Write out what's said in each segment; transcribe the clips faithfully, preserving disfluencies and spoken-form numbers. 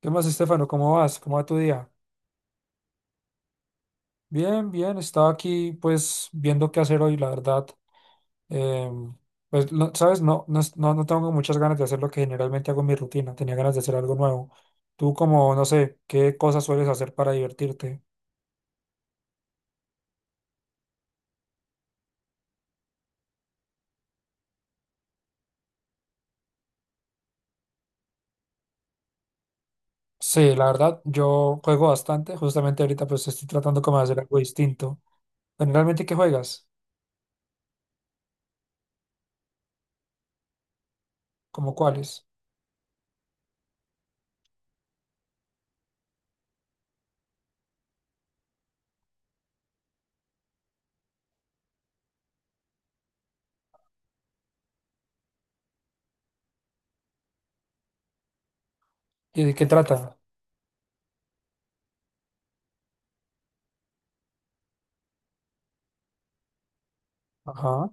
¿Qué más, Estefano? ¿Cómo vas? ¿Cómo va tu día? Bien, bien. Estaba aquí, pues, viendo qué hacer hoy, la verdad. Em, pues, no- ¿sabes? No, no, es- no, no tengo muchas ganas de hacer lo que generalmente hago en mi rutina. Tenía ganas de hacer algo nuevo. Tú, como, no sé, ¿qué cosas sueles hacer para divertirte? Sí, la verdad, yo juego bastante. Justamente ahorita, pues, estoy tratando como de hacer algo distinto. Generalmente, ¿qué juegas? ¿Cómo cuáles? ¿Y de qué trata? Ajá.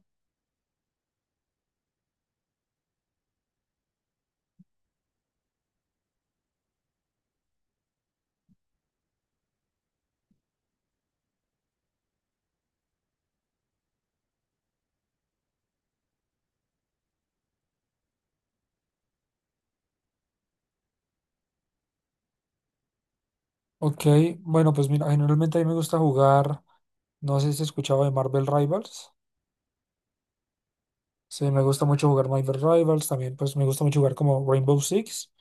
Ok. Bueno, pues, mira, generalmente a mí me gusta jugar. No sé si has escuchado de Marvel Rivals. Sí, me gusta mucho jugar Marvel Rivals, también pues me gusta mucho jugar como Rainbow Six.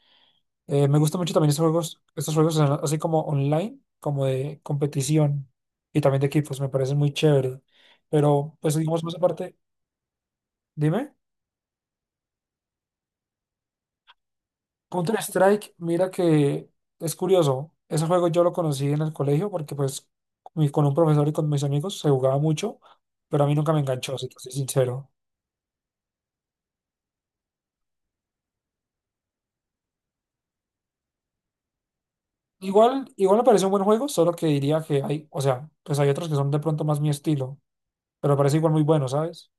Eh, me gusta mucho también estos juegos, estos juegos a- así como online, como de competición y también de equipos, me parecen muy chévere. Pero pues digamos más aparte, dime, Counter-Strike, mira que es curioso, ese juego yo lo conocí en el colegio porque pues mi- con un profesor y con mis amigos se jugaba mucho, pero a mí nunca me enganchó, si te soy sincero. Igual, igual me parece un buen juego, solo que diría que hay, o sea, pues hay otros que son de pronto más mi estilo, pero me parece igual muy bueno, ¿sabes?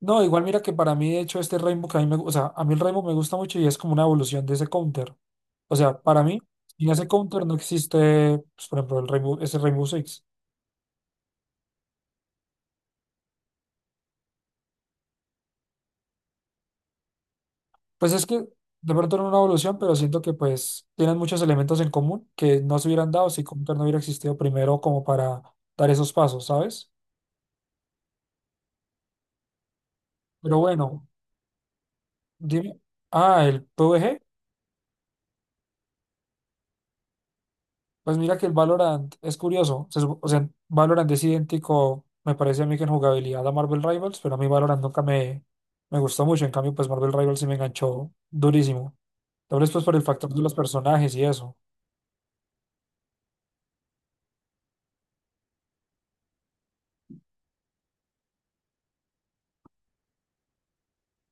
No, igual mira que para mí, de hecho, este Rainbow que a mí me, gu- o sea, a mí el Rainbow me gusta mucho y es como una evolución de ese counter. O sea, para mí, sin ese counter no existe, pues, por ejemplo, el Rainbow, ese Rainbow Six. Pues es que de pronto era una evolución, pero siento que pues tienen muchos elementos en común que no se hubieran dado si counter no hubiera existido primero como para dar esos pasos, ¿sabes? Pero bueno, dime, ah, el P V G. Pues mira que el Valorant es curioso. Se supo- o sea, Valorant es idéntico, me parece a mí que en jugabilidad a Marvel Rivals, pero a mí Valorant nunca me, me gustó mucho. En cambio, pues Marvel Rivals sí me enganchó durísimo. Tal vez pues por el factor de los personajes y eso.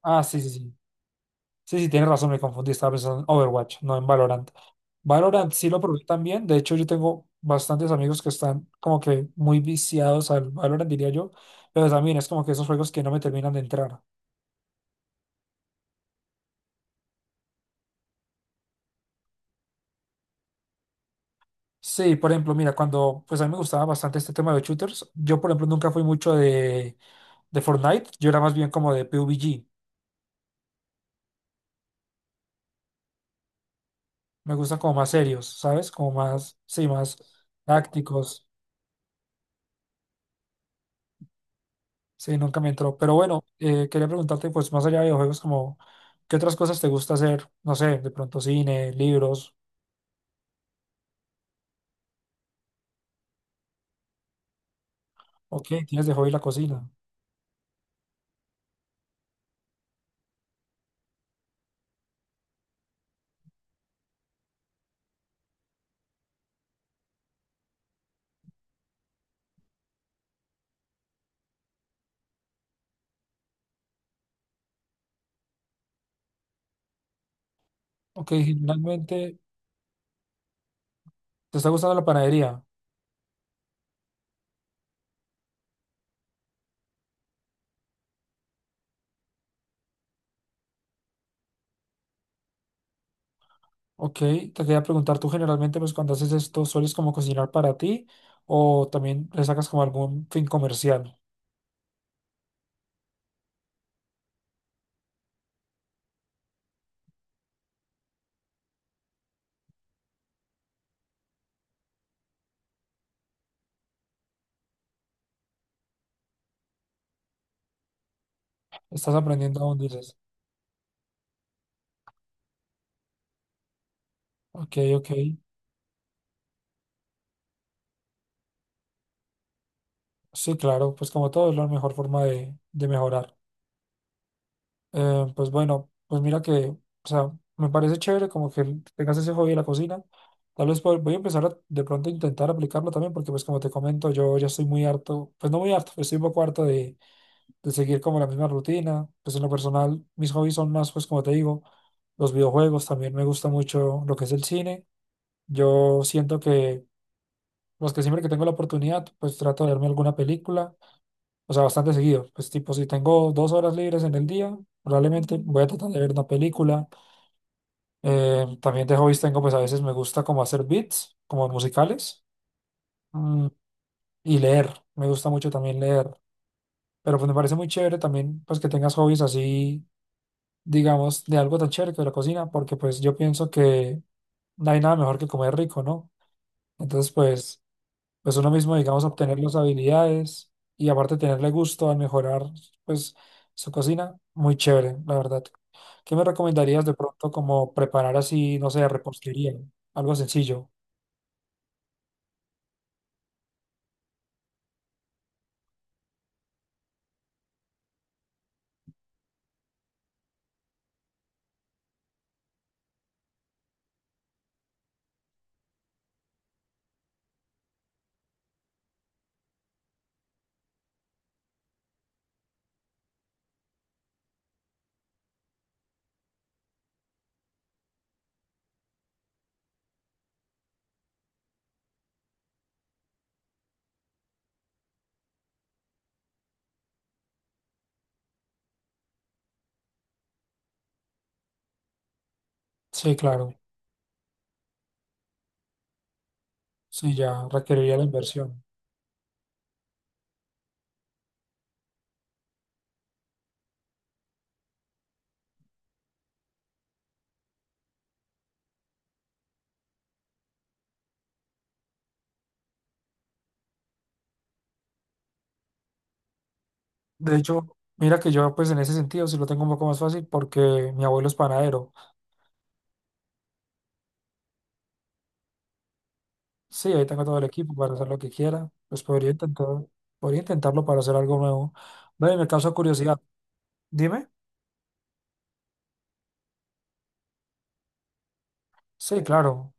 Ah, sí, sí, sí. Sí, sí, tienes razón, me confundí. Estaba pensando en Overwatch, no en Valorant. Valorant sí lo probé también. De hecho, yo tengo bastantes amigos que están como que muy viciados al Valorant, diría yo. Pero también es como que esos juegos que no me terminan de entrar. Sí, por ejemplo, mira, cuando pues a mí me gustaba bastante este tema de shooters, yo por ejemplo nunca fui mucho de, de Fortnite, yo era más bien como de P U B G, me gustan como más serios, ¿sabes? Como más, sí, más tácticos, sí, nunca me entró. Pero bueno, eh, quería preguntarte pues más allá de videojuegos, como, ¿qué otras cosas te gusta hacer? No sé, de pronto cine, libros, ok, tienes de hobby la cocina, ok, generalmente, ¿te está gustando la panadería? Ok, te quería preguntar, tú generalmente, pues cuando haces esto, ¿sueles como cocinar para ti o también le sacas como algún fin comercial? Estás aprendiendo aún, dices. Ok, ok. Sí, claro, pues como todo es la mejor forma de, de mejorar. Eh, pues bueno, pues mira que, o sea, me parece chévere como que tengas ese hobby de la cocina. Tal vez voy voy a empezar a, de pronto a intentar aplicarlo también porque pues como te comento, yo ya estoy muy harto, pues no muy harto, estoy un poco harto de de seguir como la misma rutina. Pues en lo personal, mis hobbies son más, pues como te digo, los videojuegos, también me gusta mucho lo que es el cine. Yo siento que, pues que siempre que tengo la oportunidad, pues trato de verme alguna película, o sea, bastante seguido. Pues tipo, si tengo dos horas libres en el día, probablemente voy a tratar de ver una película. Eh, también de hobbies tengo, pues a veces me gusta como hacer beats, como musicales, mm, y leer. Me gusta mucho también leer. Pero pues me parece muy chévere también, pues que tengas hobbies así digamos, de algo tan chévere que la cocina, porque pues yo pienso que no hay nada mejor que comer rico, ¿no? Entonces, pues, pues uno mismo, digamos, obtener las habilidades y aparte tenerle gusto al mejorar, pues, su cocina, muy chévere, la verdad. ¿Qué me recomendarías de pronto como preparar así, no sé, repostería? Algo sencillo. Sí, claro. Sí, ya requeriría la inversión. De hecho, mira que yo pues en ese sentido sí lo tengo un poco más fácil porque mi abuelo es panadero. Sí, ahí tengo todo el equipo para hacer lo que quiera. Pues podría intentar, podría intentarlo para hacer algo nuevo. Ve, me causa curiosidad. Dime. Sí, claro.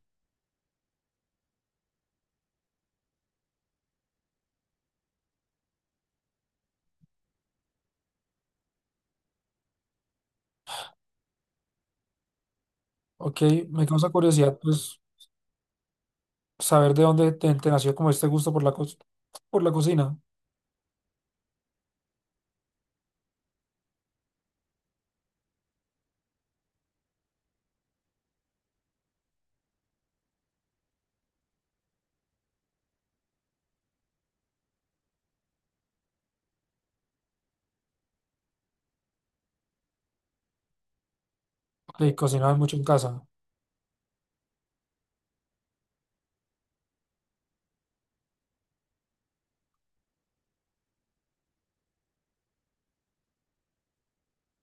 Ok, me causa curiosidad, pues, saber de dónde te, te nació como este gusto por la, co- por la cocina. Ok, cocinabas mucho en casa.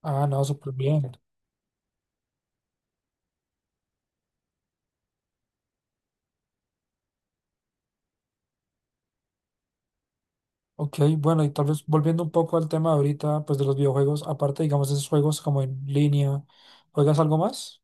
Ah, no, súper bien. Ok, bueno, y tal vez volviendo un poco al tema ahorita, pues, de los videojuegos, aparte, digamos, de esos juegos como en línea, ¿juegas algo más?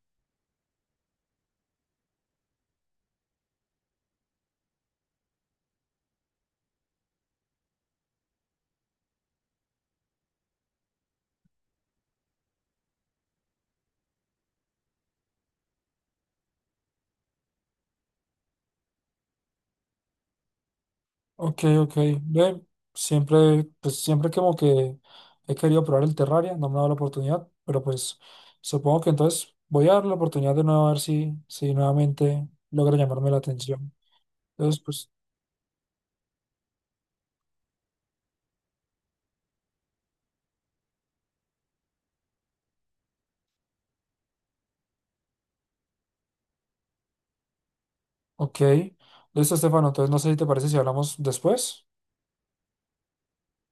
Ok, ok. Ve, siempre, pues siempre como que he querido probar el Terraria, no me ha dado la oportunidad, pero pues supongo que entonces voy a dar la oportunidad de nuevo a ver si, si nuevamente logra llamarme la atención. Entonces, pues, ok. Listo, Estefano. Entonces, no sé si te parece si hablamos después.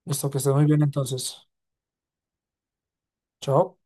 Listo, que estés muy bien entonces. Chao.